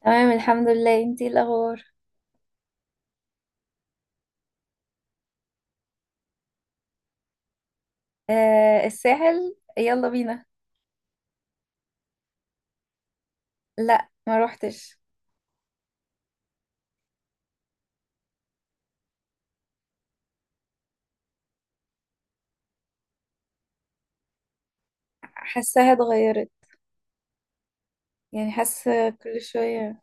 تمام الحمد لله، انتي ايه الاخبار؟ آه الساحل، يلا بينا. لا ما روحتش. حاساها اتغيرت. يعني حاسه كل شويه.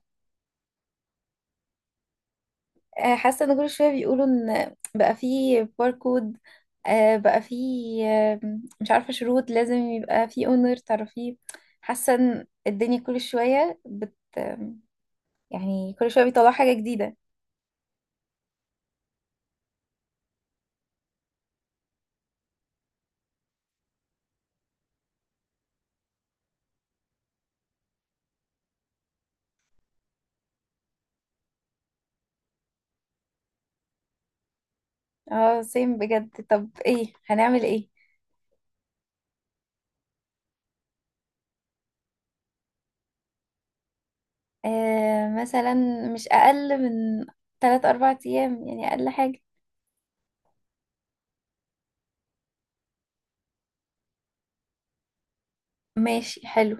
آه حاسه ان كل شويه بيقولوا ان بقى فيه باركود. آه بقى فيه آه، مش عارفه شروط لازم يبقى فيه اونر تعرفيه. حاسه ان الدنيا كل شويه بت، يعني كل شويه بيطلعوا حاجه جديده. اه سيم بجد. طب ايه هنعمل ايه؟ آه مثلا مش أقل من تلات أربع أيام، يعني أقل حاجة. ماشي حلو.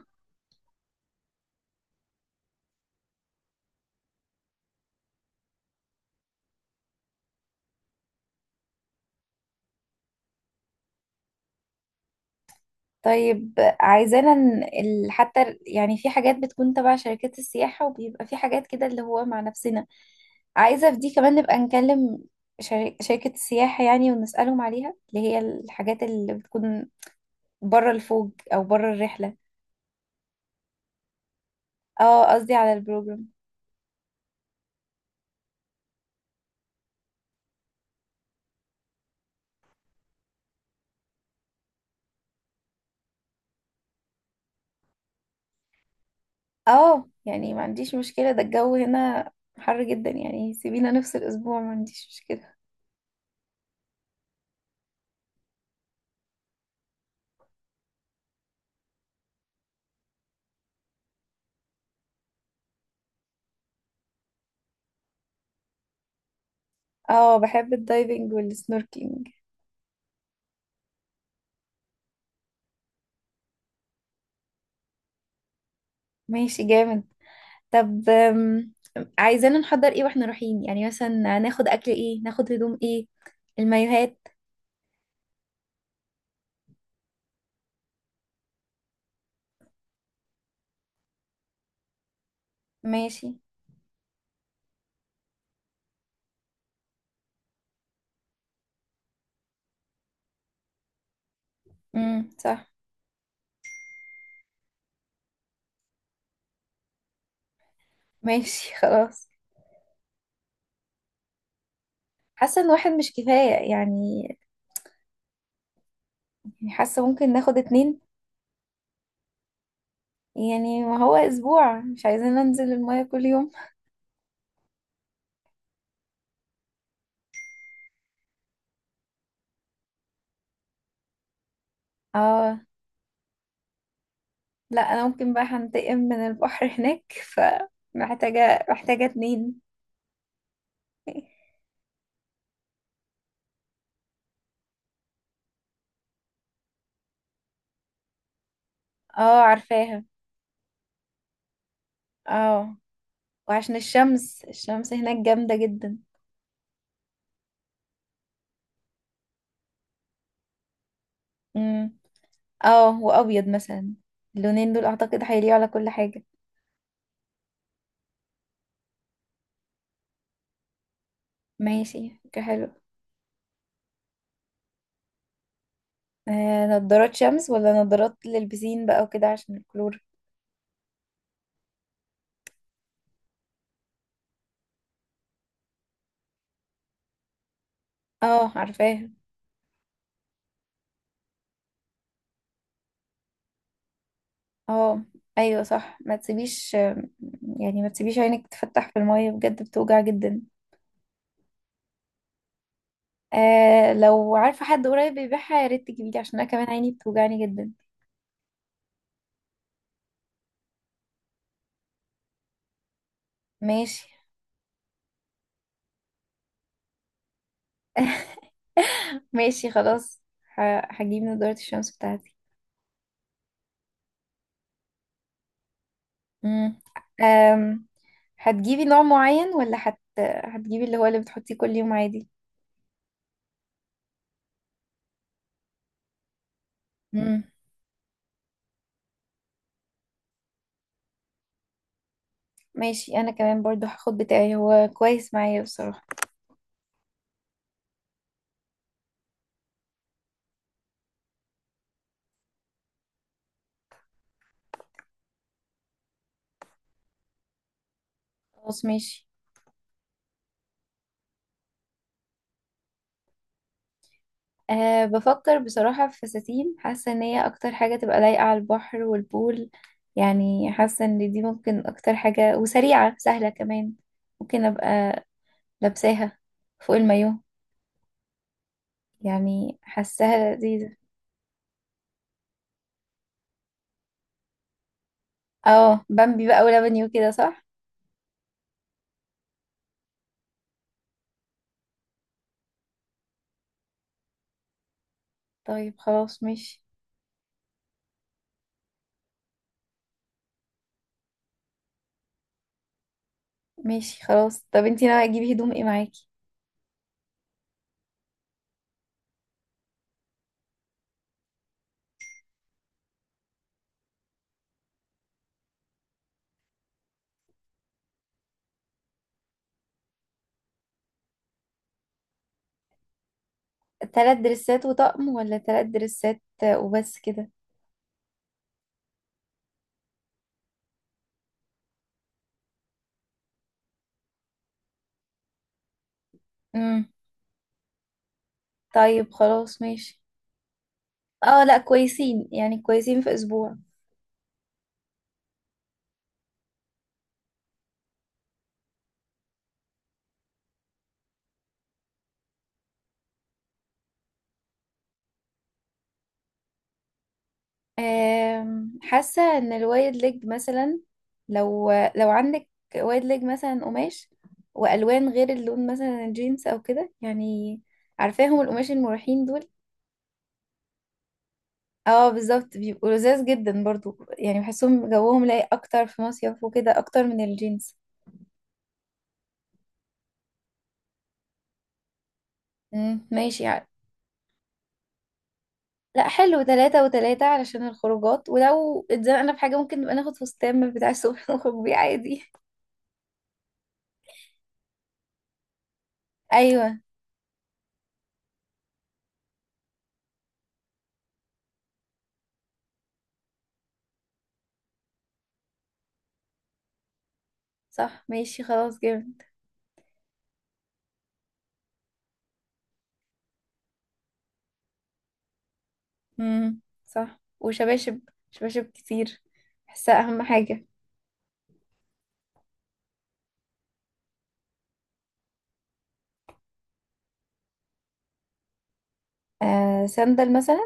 طيب عايزانا يعني في حاجات بتكون تبع شركات السياحة وبيبقى في حاجات كده اللي هو مع نفسنا. عايزة في دي كمان نبقى نكلم شركة السياحة يعني ونسألهم عليها اللي هي الحاجات اللي بتكون بره الفوج أو بره الرحلة. اه قصدي على البروجرام. اه يعني ما عنديش مشكلة، ده الجو هنا حر جدا، يعني سيبينا نفس الأسبوع، ما عنديش مشكلة. اه بحب الدايفنج والسنوركينج. ماشي جامد. طب عايزين نحضر ايه واحنا رايحين؟ يعني مثلا ناخد اكل ايه، ناخد هدوم ايه، المايوهات. ماشي امم، صح. ماشي خلاص. حاسه ان واحد مش كفايه يعني، حاسه ممكن ناخد اتنين. يعني ما هو اسبوع، مش عايزين ننزل المايه كل يوم. اه. لا انا ممكن بقى هنتقم من البحر هناك، فمحتاجه اتنين. اه عارفاها. اه وعشان الشمس، الشمس هناك جامدة جدا. امم، اه وأبيض مثلا، اللونين دول أعتقد هيليقوا على كل حاجة. ماشي فكرة حلوة. آه نضارات شمس ولا نضارات للبسين بقى وكده عشان الكلور؟ اه عارفاها. اه ايوه صح، ما تسيبيش، يعني ما تسيبيش عينك تفتح في المية، بجد بتوجع جدا. آه لو عارفة حد قريب بيبيعها يا ريت تجيبيلي، عشان انا كمان عيني بتوجعني جدا. ماشي. ماشي خلاص، هجيب نضارة الشمس بتاعتي. مم. أم، هتجيبي نوع معين ولا هتجيبي اللي هو اللي بتحطيه كل يوم عادي؟ مم. ماشي، انا كمان برضو هاخد بتاعي، هو كويس معايا بصراحة. خلاص ماشي. أه بفكر بصراحة في فساتين، حاسة ان هي اكتر حاجة تبقى لايقة على البحر والبول. يعني حاسة ان دي ممكن اكتر حاجة، وسريعة سهلة كمان، ممكن ابقى لابساها فوق المايو، يعني حاساها لذيذة. اه بامبي بقى ولبني وكده، صح. طيب خلاص ماشي. ماشي خلاص، طب انتي ناوية تجيبي هدوم ايه معاكي؟ تلات دريسات وطقم ولا تلات دريسات وبس كده؟ امم، طيب خلاص ماشي. اه لا كويسين، يعني كويسين في اسبوع. حاسة ان الوايد ليج مثلا، لو عندك وايد ليج مثلا قماش، والوان غير اللون مثلا الجينز او كده يعني، عارفاهم القماش المريحين دول. اه بالظبط، بيبقوا لذاذ جدا برضو، يعني بحسهم جوهم لايق اكتر في مصيف وكده اكتر من الجينز. مم، ماشي يعني. لا حلو، ثلاثة وثلاثة علشان الخروجات، ولو اتزنقنا في حاجة ممكن نبقى ناخد فستان من بتاع السوبر، نخرج بيه عادي. أيوة. صح ماشي خلاص جامد. امم، صح. وشباشب، شباشب كتير، بحسها أهم حاجة. آه سندل مثلا.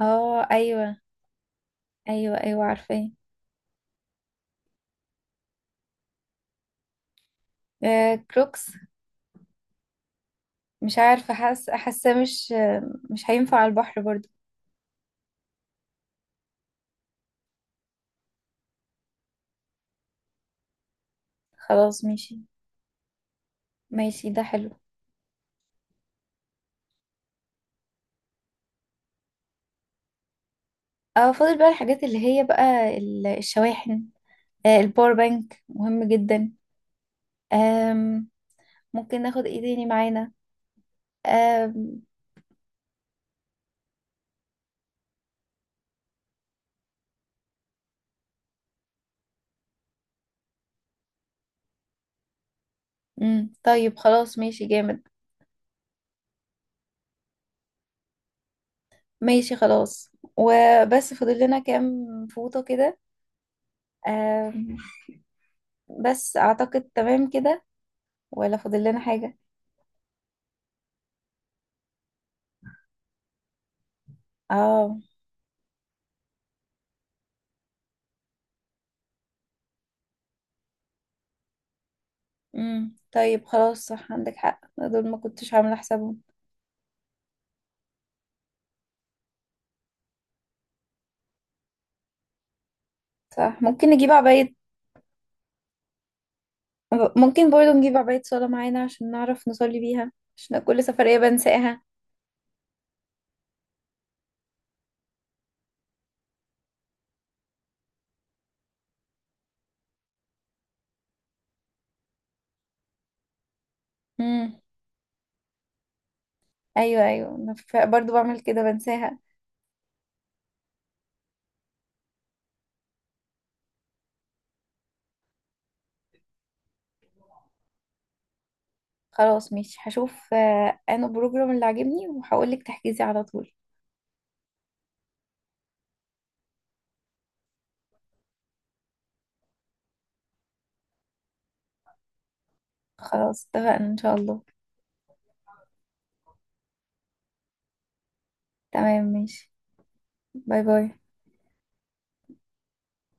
اه أيوة. أيوة أيوة عارفة. آه كروكس. مش عارفة، حاسة حاسة مش مش هينفع على البحر برضو. خلاص ماشي. ماشي ده حلو. اه فاضل بقى الحاجات اللي هي بقى الشواحن، الباور بانك مهم جدا. آم، ممكن ناخد ايه تاني معانا؟ آم، مم، طيب خلاص ماشي جامد. ماشي خلاص. وبس فاضل لنا كام فوطة كده. آم، بس اعتقد تمام كده، ولا فاضل لنا حاجة؟ اه. مم، طيب خلاص، صح عندك حق، دول ما كنتش عاملة حسابهم. صح، ممكن نجيب عباية. ممكن برضه نجيب عباية صلاة معانا عشان نعرف نصلي بيها، عشان كل سفرية بنساها. ايوه ايوه، انا برضو بعمل كده، بنساها. خلاص ماشي، هشوف انا بروجرام اللي عاجبني وهقولك تحجزي على طول. خلاص اتفقنا ان شاء الله. تمام ماشي. باي باي.